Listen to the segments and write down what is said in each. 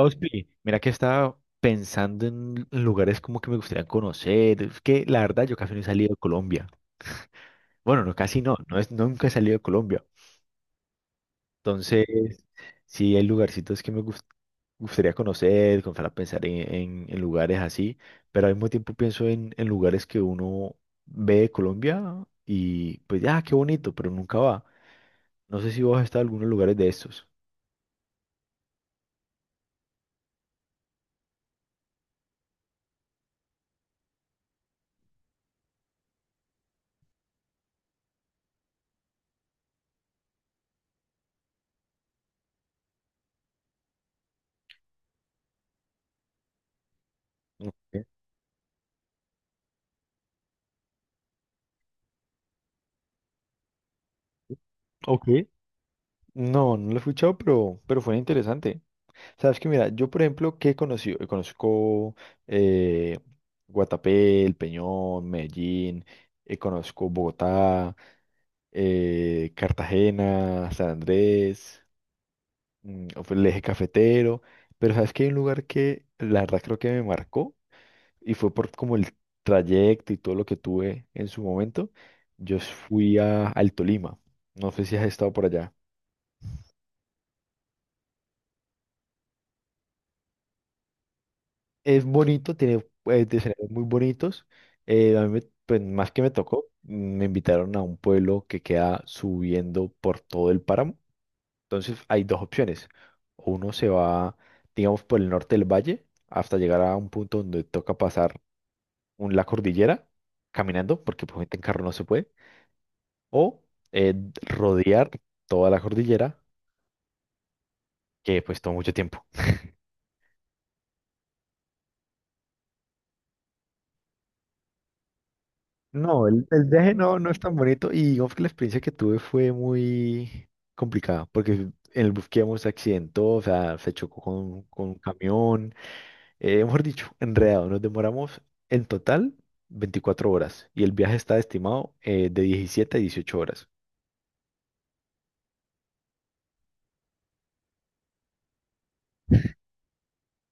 Ospi, mira que estaba pensando en lugares como que me gustaría conocer. Es que la verdad yo casi no he salido de Colombia. Bueno, no, casi no, nunca he salido de Colombia. Entonces, sí hay lugarcitos que gustaría conocer, comenzar a pensar en lugares así, pero al mismo tiempo pienso en lugares que uno ve de Colombia y pues, ah, qué bonito, pero nunca va. No sé si vos has estado en algunos lugares de estos. Ok. Ok. No, no lo he escuchado, pero fue interesante. Sabes que mira, yo por ejemplo, que he conocido, conozco eh, Guatapé, El Peñón, Medellín, conozco Bogotá, Cartagena, San Andrés, o fue el eje cafetero, pero sabes que hay un lugar que la verdad creo que me marcó y fue por como el trayecto y todo lo que tuve en su momento. Yo fui al Tolima, no sé si has estado por allá. Es bonito, tiene escenarios muy bonitos. Pues, más que me tocó, me invitaron a un pueblo que queda subiendo por todo el páramo. Entonces hay dos opciones. O uno se va, digamos, por el norte del valle hasta llegar a un punto donde toca pasar la cordillera caminando, porque pues en carro no se puede. O eh, rodear toda la cordillera, que pues toma mucho tiempo. No, el viaje no, no es tan bonito y digamos que la experiencia que tuve fue muy complicada porque en el bus que íbamos se accidentó, o sea, se chocó con un camión, mejor dicho, enredado. Nos demoramos en total 24 horas y el viaje está estimado de 17 a 18 horas.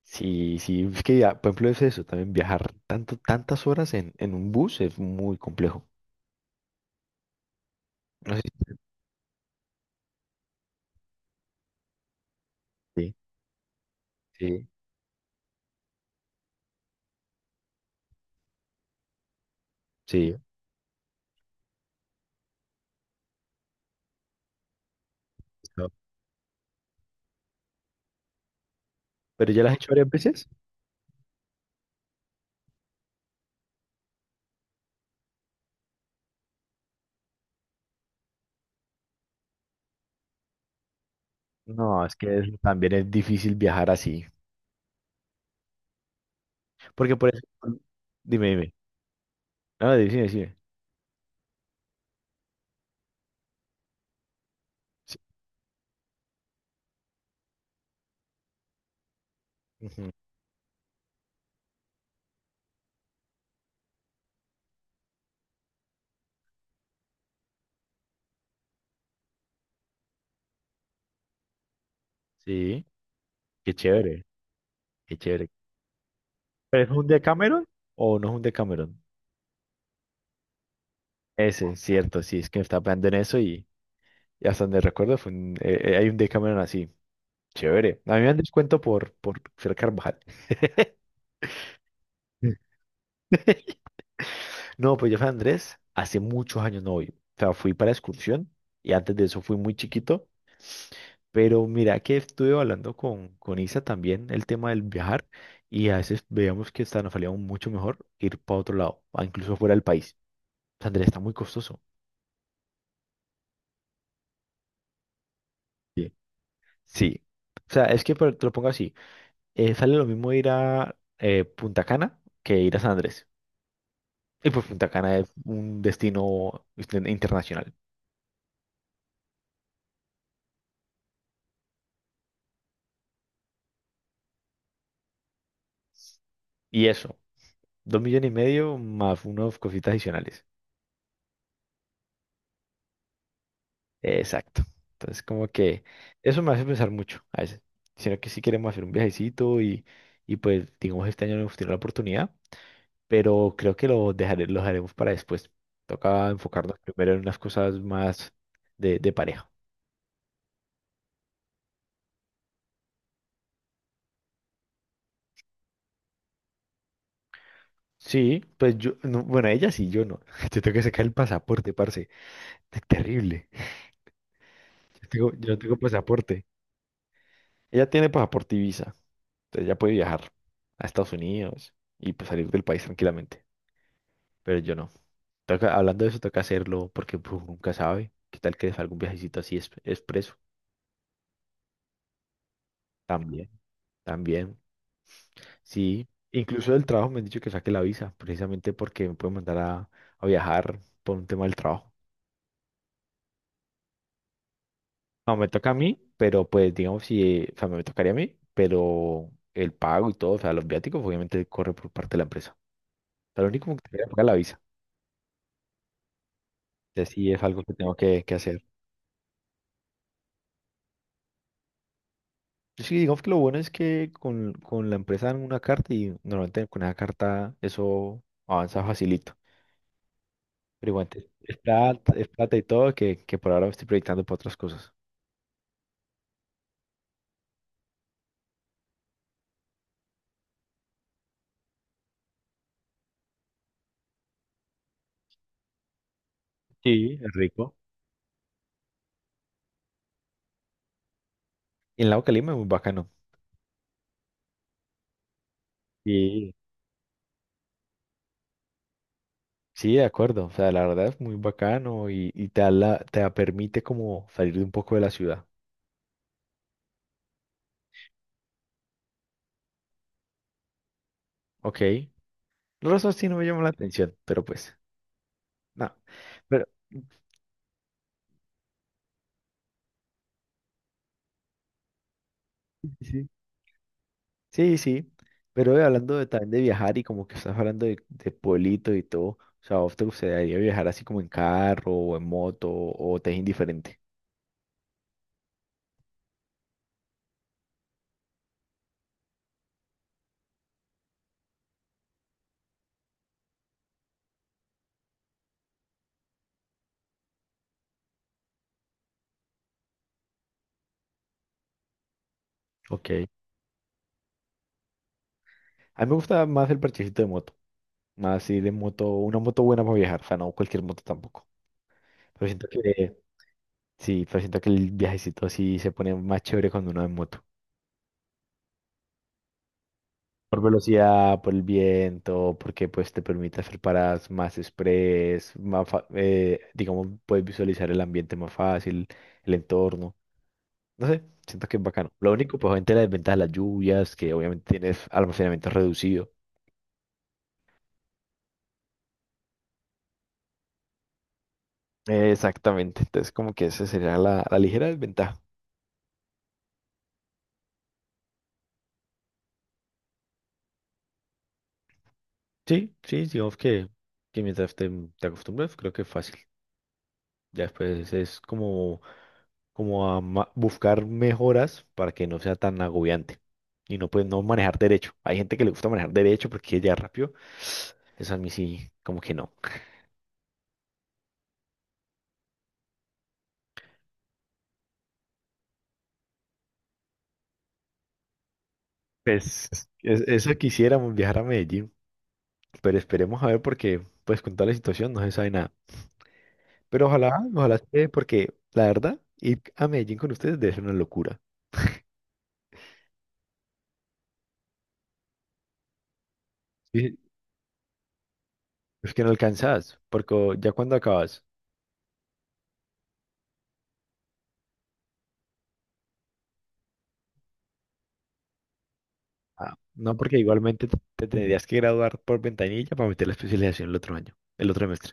Sí, sí, es que ya, por ejemplo, es eso, también viajar tanto, tantas horas en un bus es muy complejo. No sé si- Sí, sí, sí. Pero ya las has hecho varias veces. No, también es difícil viajar así. Porque por eso... Dime, dime. No, dime, dime. Sí, ujú. Sí, qué chévere, qué chévere. ¿Pero es un Decameron o no es un Decameron? Ese, cierto, sí, es que estaba pensando en eso y hasta donde recuerdo hay un Decameron así. Chévere. A mí me dan descuento por ser Carvajal. No, pues yo fui a Andrés hace muchos años no voy. O sea, fui para excursión y antes de eso fui muy chiquito. Pero mira que estuve hablando con Isa también el tema del viajar y a veces veíamos que hasta nos salía aún mucho mejor ir para otro lado, a incluso fuera del país. Andrés, está muy costoso. Sí. Sí. O sea, es que pero te lo pongo así. Sale lo mismo ir a Punta Cana que ir a San Andrés. Y pues Punta Cana es un destino internacional. Y eso, 2,5 millones más unas cositas adicionales. Exacto. Entonces, como que eso me hace pensar mucho a veces. Sino que sí queremos hacer un viajecito y pues, digamos, este año no hemos tenido la oportunidad, pero creo que lo dejaré, lo haremos para después. Toca enfocarnos primero en unas cosas más de pareja. Sí, pues yo, no, bueno, ella sí, yo no. Yo tengo que sacar el pasaporte, parce. Es terrible. Yo no tengo pasaporte. Ella tiene pasaporte y visa. Entonces ya puede viajar a Estados Unidos y pues salir del país tranquilamente. Pero yo no. Hablando de eso, toca hacerlo porque pues, uno nunca sabe. ¿Qué tal que les salga un viajecito así expreso? También, también. Sí, incluso del trabajo me han dicho que saque la visa, precisamente porque me pueden mandar a viajar por un tema del trabajo. No, me toca a mí, pero pues digamos, si, o sea, me tocaría a mí, pero el pago y todo, o sea, los viáticos obviamente corre por parte de la empresa. O sea, lo único que te queda es pagar la visa. Y así es algo que tengo que hacer. Sí, digamos que lo bueno es que con la empresa dan una carta y normalmente con esa carta eso avanza facilito. Es plata, es plata y todo que por ahora estoy proyectando para otras cosas. Sí, es rico. Y en Lago Calima es muy bacano. Sí. Sí, de acuerdo. O sea, la verdad es muy bacano y te da la- te da- permite como salir de un poco de la ciudad. Ok. Los rostros sí no me llaman la atención, pero pues, no. Pero, Sí, sí, pero hablando de, también de viajar y como que estás hablando de pueblito y todo, o sea, ¿a ¿vos te gustaría viajar así como en carro o en moto o te es indiferente? Ok. A mí me gusta más el parchecito de moto, más ir en moto, una moto buena para viajar, o sea, no cualquier moto tampoco, pero pero siento que el viajecito así se pone más chévere cuando uno va en moto. Por velocidad, por el viento, porque pues te permite hacer paradas más express, digamos, puedes visualizar el ambiente más fácil, el entorno. No sé, siento que es bacano. Lo único, pues obviamente la desventaja de las lluvias, que obviamente tienes almacenamiento reducido. Exactamente, entonces como que esa sería la, la ligera desventaja. Sí, sí, digamos que mientras te acostumbras, creo que es fácil. Ya después es como buscar mejoras para que no sea tan agobiante y no pues no manejar derecho. Hay gente que le gusta manejar derecho porque quiere llegar rápido. Eso a mí sí, como que no. Pues Eso quisiéramos viajar a Medellín, pero esperemos a ver porque pues con toda la situación no se sabe nada. Pero ojalá, ojalá se dé, porque la verdad ir a Medellín con ustedes debe ser una locura. Sí, es que no alcanzas, porque ya cuando acabas. Ah, no, porque igualmente te tendrías que graduar por ventanilla para meter la especialización el otro año, el otro semestre.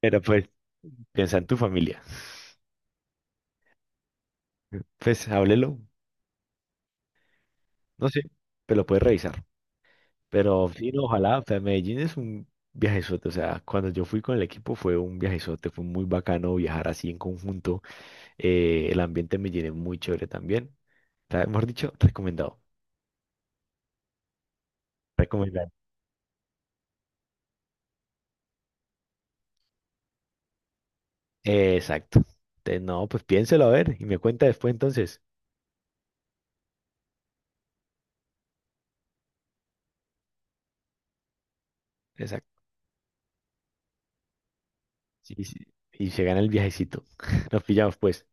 Pero pues, piensa en tu familia. Pues háblelo, no sé, pero lo puedes revisar. Pero sí, no, ojalá, o sea, Medellín es un viajezote, o sea, cuando yo fui con el equipo fue un viajezote, fue muy bacano viajar así en conjunto. El ambiente en Medellín es muy chévere también. O sea, mejor dicho, recomendado. Recomendado. Exacto. Entonces, no, pues piénselo a ver y me cuenta después entonces. Exacto. Sí, sí. Y se gana el viajecito. Nos pillamos pues.